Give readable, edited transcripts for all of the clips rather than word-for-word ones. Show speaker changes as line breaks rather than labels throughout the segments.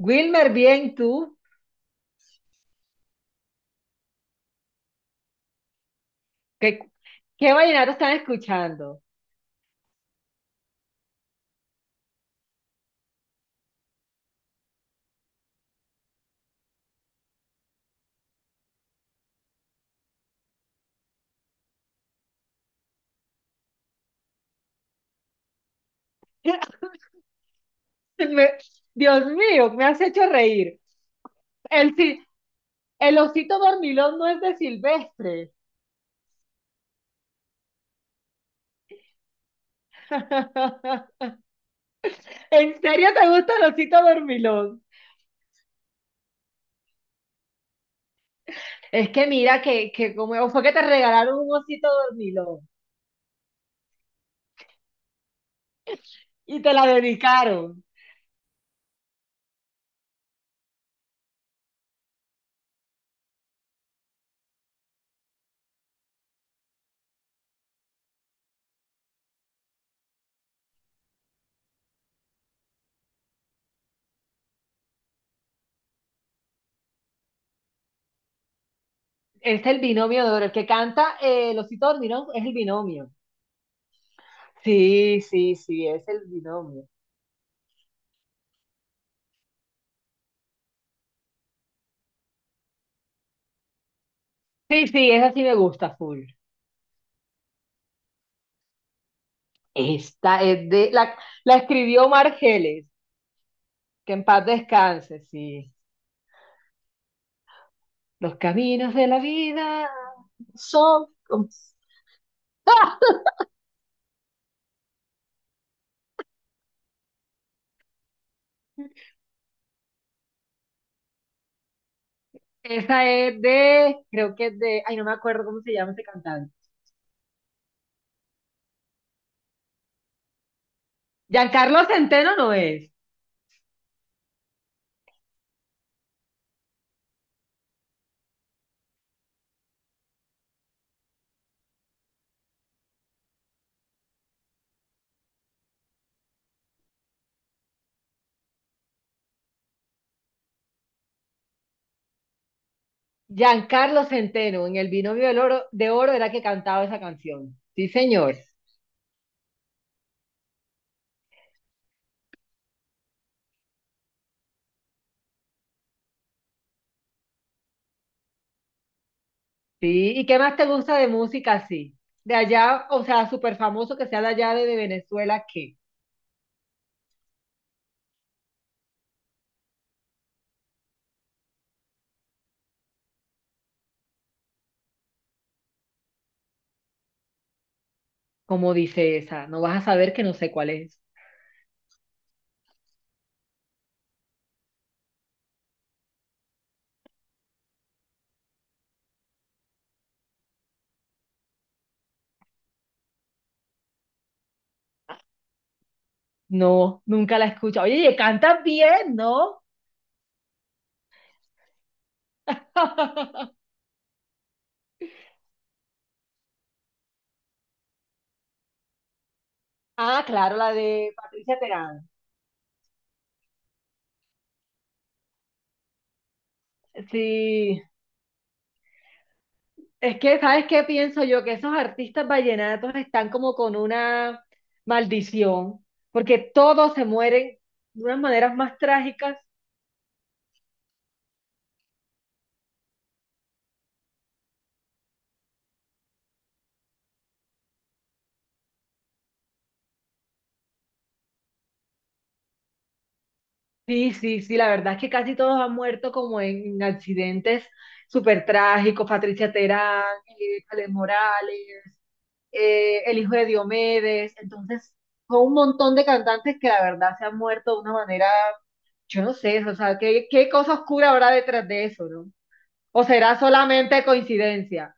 Wilmer, bien, ¿tú? ¿Qué, qué vallenato están escuchando? Me- Dios mío, me has hecho reír. El, si- el osito dormilón no es de Silvestre. ¿En serio te gusta el osito dormilón? Es que mira que como fue que te regalaron un osito dormilón y te la dedicaron. Es el binomio de oro. El que canta el osito dormilón es el binomio. Sí, sí, sí, es el binomio. Sí, sí, esa sí me gusta, full. Esta es la escribió Margeles, que en paz descanse, sí. Los caminos de la vida son... ¡Ah! Esa es creo que es de, ay, no me acuerdo cómo se llama ese cantante. Giancarlo Centeno no es. Giancarlo Centeno, en el binomio del oro, de oro era que cantaba esa canción. Sí, señor. Sí. ¿Y qué más te gusta de música así? De allá, o sea, súper famoso que sea de allá de Venezuela, ¿qué? Como dice esa, no vas a saber que no sé cuál es. No, nunca la he escuchado. Oye, ¿y cantas bien, ¿no? Ah, claro, la de Patricia Terán. Sí, es que, ¿sabes qué pienso yo? Que esos artistas vallenatos están como con una maldición, porque todos se mueren de unas maneras más trágicas. Sí, sí, sí, la verdad es que casi todos han muerto como en accidentes súper trágicos. Patricia Terán, Ale Morales, el hijo de Diomedes, entonces son un montón de cantantes que la verdad se han muerto de una manera, yo no sé, o sea, ¿qué cosa oscura habrá detrás de eso, ¿no? ¿O será solamente coincidencia?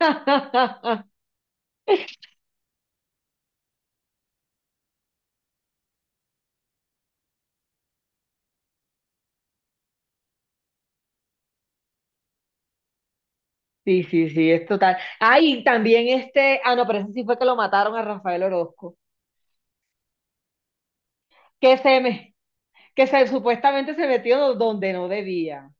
Sí, sí, sí, es total. Ah, y también este, ah, no, pero ese sí fue que lo mataron a Rafael Orozco, que se me, que se supuestamente se metió donde no debía.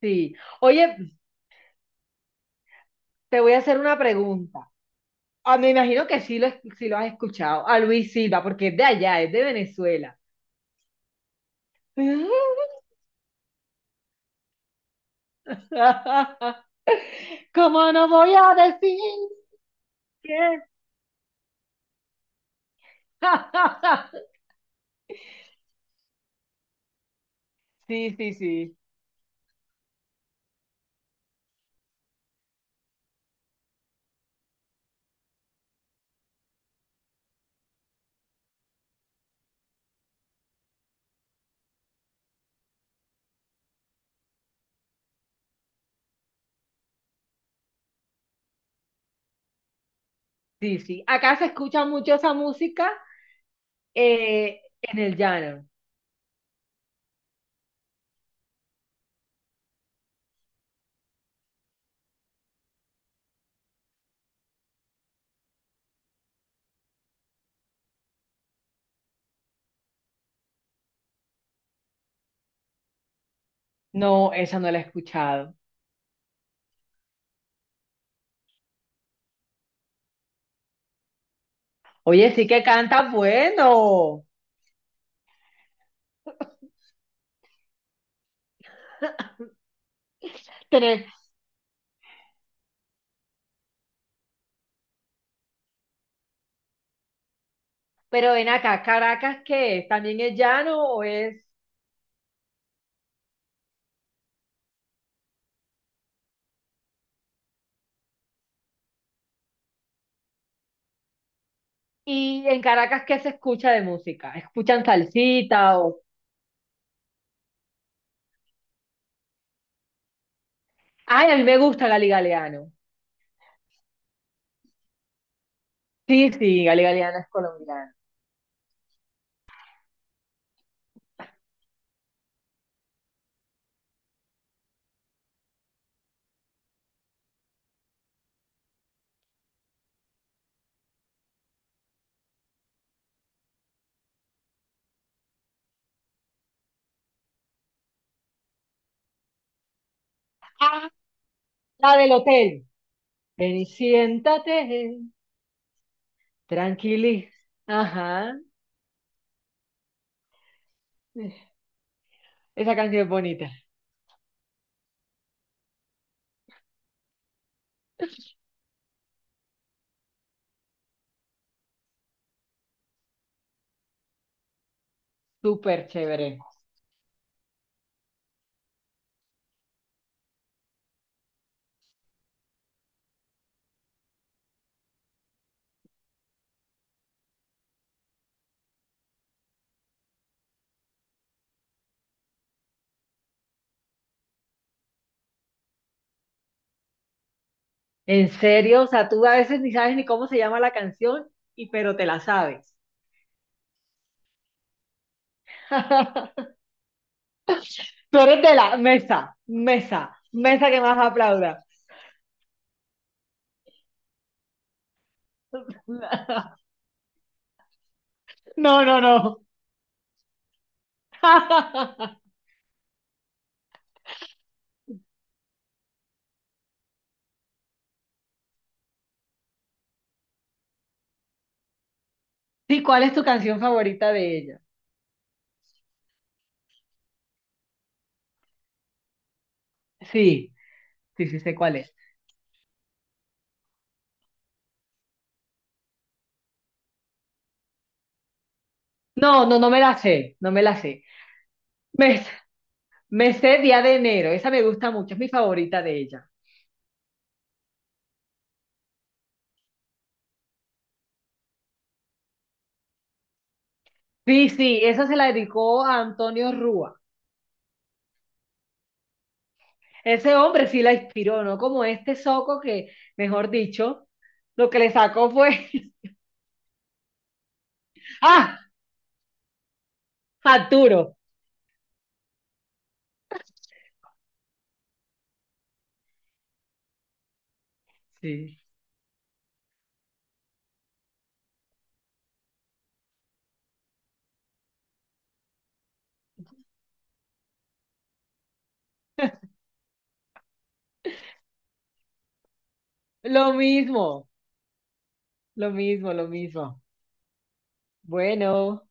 Sí. Oye, te voy a hacer una pregunta. Ah, me imagino que sí sí lo has escuchado. A Luis Silva, porque es de allá, es de Venezuela. ¿Cómo no voy a decir que... Sí, sí, sí, sí, sí. Acá se escucha mucho esa música en el llano. No, esa no la he escuchado. Oye, sí que canta bueno. Tener- Pero ven acá, ¿Caracas qué es? ¿También es llano o es...? ¿Y en Caracas qué se escucha de música? ¿Escuchan salsita o...? Ay, a mí me gusta Gali Galeano. Sí, sí, Gali Galeano es colombiana. Ah, la del hotel. Ven y siéntate, tranquili. Ajá. Esa canción es bonita, súper chévere. En serio, o sea, tú a veces ni sabes ni cómo se llama la canción, y pero te la sabes. Tú eres de la mesa, mesa, mesa que más aplauda. No, no, no. Sí, ¿cuál es tu canción favorita de ella? Sí, sí, sí sé cuál es. No, no, no me la sé, no me la sé. Me, me sé Día de Enero, esa me gusta mucho, es mi favorita de ella. Sí, sí, esa se la dedicó a Antonio Rúa. Ese hombre sí la inspiró, ¿no? Como este soco que, mejor dicho, lo que le sacó fue... ¡Ah! Arturo. Sí. Lo mismo, lo mismo, lo mismo. Bueno.